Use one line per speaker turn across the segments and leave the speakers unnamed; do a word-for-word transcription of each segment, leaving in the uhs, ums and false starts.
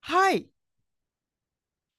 はい。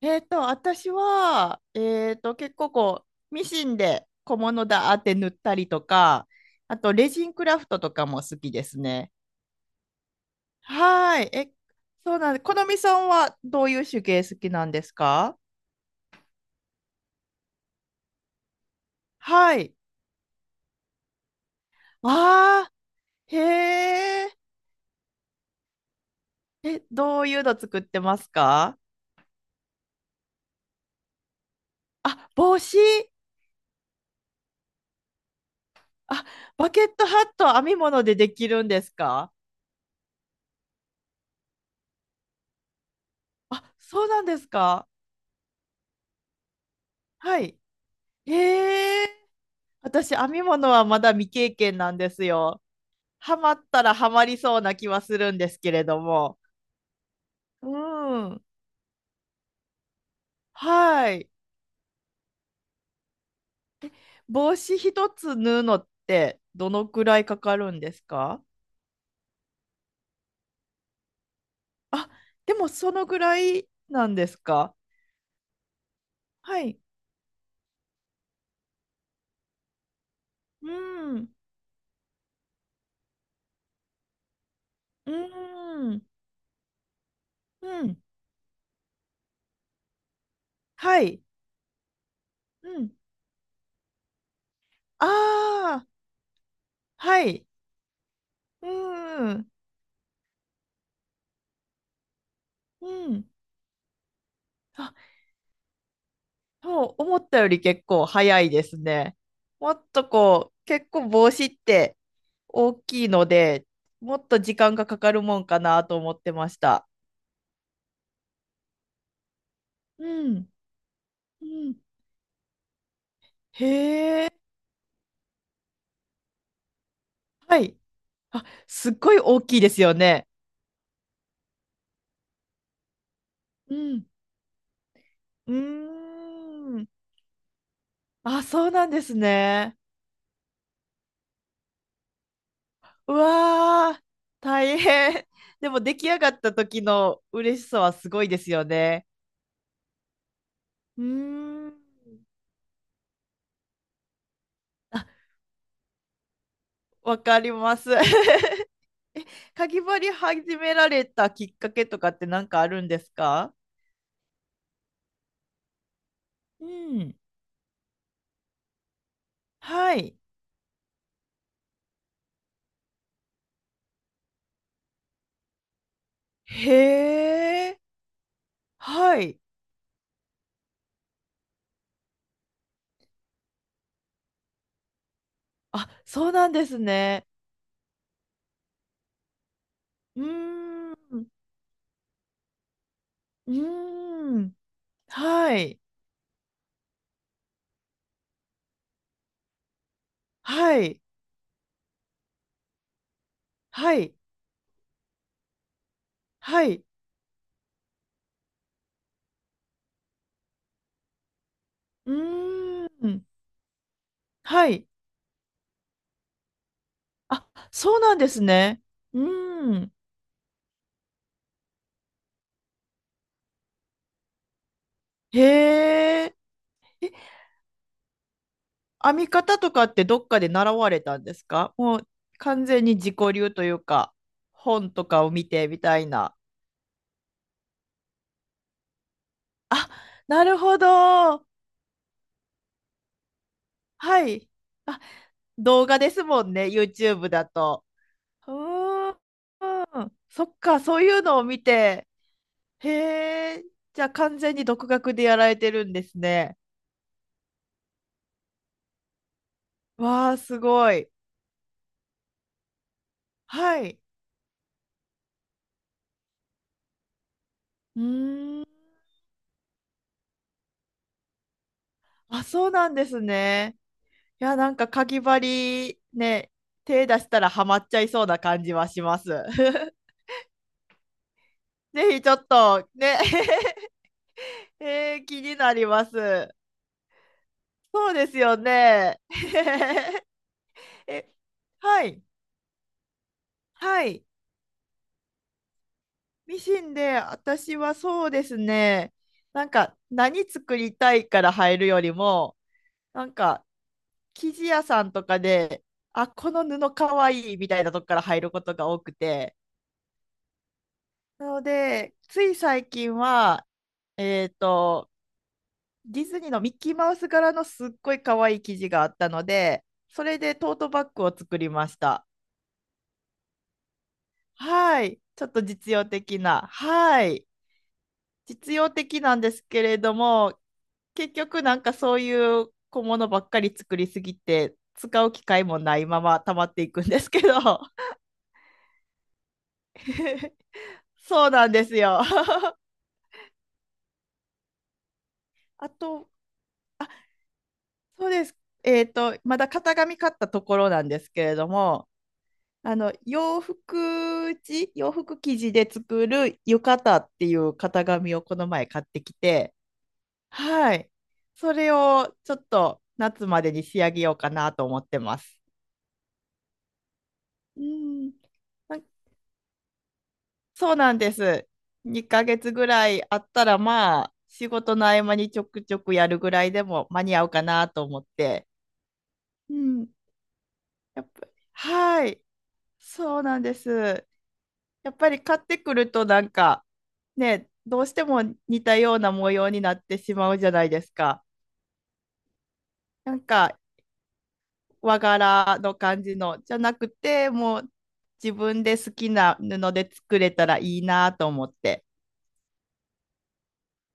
えっと、私は、えっと、結構こう、ミシンで小物だーって塗ったりとか、あと、レジンクラフトとかも好きですね。はい。え、そうなんで、このみさんはどういう手芸好きなんですか？はい。あー、へえ。え、どういうの作ってますか？あ、帽子。あ、バケットハット編み物でできるんですか？あ、そうなんですか？はい。へえ。私、編み物はまだ未経験なんですよ。ハマったらハマりそうな気はするんですけれども。うん。はい。帽子一つ縫うのってどのくらいかかるんですか？あ、でもそのぐらいなんですか？はい。うん。うん。うん。はい。うん。ああ、はい。うん。うん。あ、そう、思ったより結構早いですね。もっとこう、結構帽子って大きいので、もっと時間がかかるもんかなと思ってました。うん。うん。へえ。はい。あ、すっごい大きいですよね。うん。うーん。あ、そうなんですね。うわー、大変。でも出来上がった時の嬉しさはすごいですよね。うーん。あ、わかります。えかぎ針始められたきっかけとかって何かあるんですか？うん。はい。へえ。はい。あ、そうなんですね。うーん。うーん。はい。はい。はい。はい。うーん。はい。あ、そうなんですね。うーん。へえ。え、編み方とかってどっかで習われたんですか？もう完全に自己流というか、本とかを見てみたいな。あ、なるほど。はい。あ、動画ですもんね、YouTube だと。うーん。そっか、そういうのを見て。へえ。じゃあ完全に独学でやられてるんですね。わあ、すごい。はい。うーん。あ、そうなんですね。いや、なんか、かぎ針ね、手出したらハマっちゃいそうな感じはします。ぜひちょっと、ね、えー気になります。そうですよね。え、はい、はい。ミシンで、私はそうですね。なんか、何作りたいから入るよりも、なんか、生地屋さんとかで、あ、この布かわいいみたいなとこから入ることが多くて、なので、つい最近は、えっと、ディズニーのミッキーマウス柄のすっごい可愛い生地があったので、それでトートバッグを作りました。はい。ちょっと実用的な。はい。実用的なんですけれども、結局なんかそういう小物ばっかり作りすぎて、使う機会もないまま溜まっていくんですけど。そうなんですよ。あと、そうです。えっと、まだ型紙買ったところなんですけれども、あの洋服地洋服生地で作る浴衣っていう型紙をこの前買ってきて、はい、それをちょっと夏までに仕上げようかなと思ってます。うん、あそうなんです。にかげつぐらいあったらまあ仕事の合間にちょくちょくやるぐらいでも間に合うかなと思って。うん、やっぱ、はい、そうなんです。やっぱり買ってくるとなんかね、どうしても似たような模様になってしまうじゃないですか。なんか和柄の感じのじゃなくて、もう自分で好きな布で作れたらいいなと思って。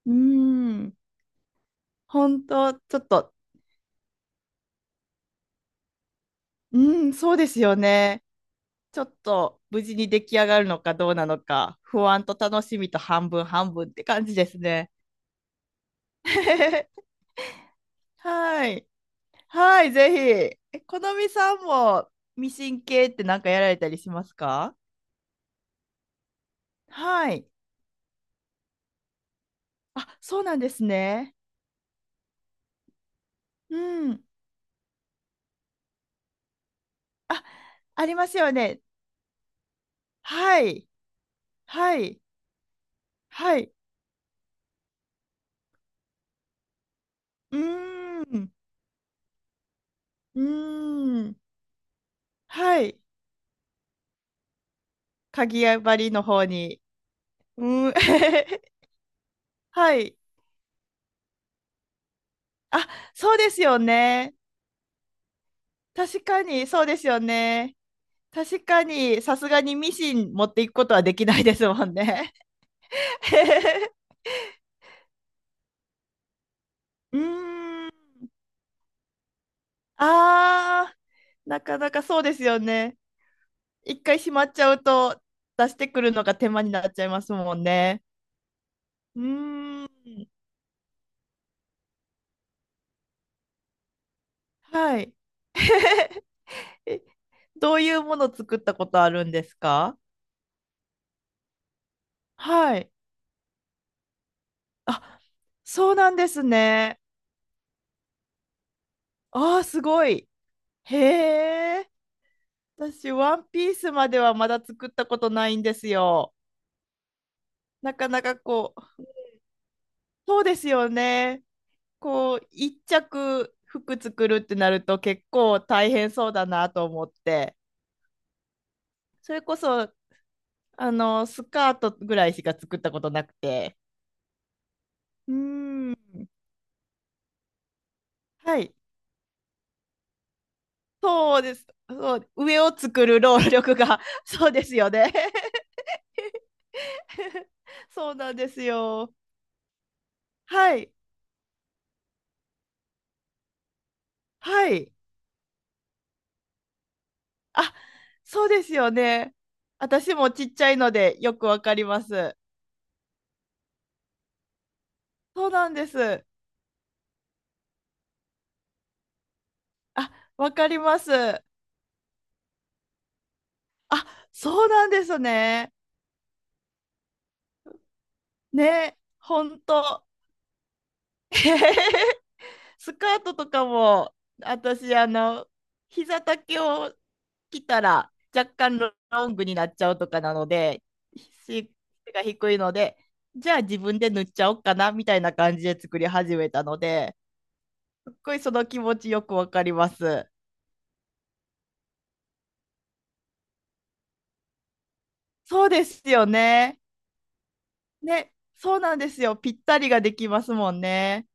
うーん、本当ちょっと、うーん、そうですよね。ちょっと無事に出来上がるのかどうなのか、不安と楽しみと半分半分って感じですね。はい。はい、ぜひ。え、このみさんもミシン系ってなんかやられたりしますか？はい。あ、そうなんですね。うん。あ、ありますよね。はい。はい。はい。うーん。うーん。はい。鍵や針の方に。うん。はい。あ、そうですよね。確かに、そうですよね。確かに、さすがにミシン持っていくことはできないですもんね。うーん。あー、なかなかそうですよね。一回しまっちゃうと出してくるのが手間になっちゃいますもんね。うーん。はい。え、どういうもの作ったことあるんですか？はい。あ、そうなんですね。ああすごい。へえ。私、ワンピースまではまだ作ったことないんですよ。なかなかこう、そうですよね。こう、一着服作るってなると結構大変そうだなと思って、それこそ、あの、スカートぐらいしか作ったことなくて、うーん。はい、そうです。そう、上を作る労力が そうですよね。そうなんですよ。はい、はい。あ、そうですよね。私もちっちゃいのでよくわかります。そうなんです。あ、わかります。あ、そうなんですね。ね、ほんと。スカートとかも、私、あの、膝丈を着たら若干ロングになっちゃうとかなので、背が低いので、じゃあ自分で塗っちゃおうかなみたいな感じで作り始めたので、すっごいその気持ちよくわかります。そうですよね。ね、そうなんですよ。ぴったりができますもんね。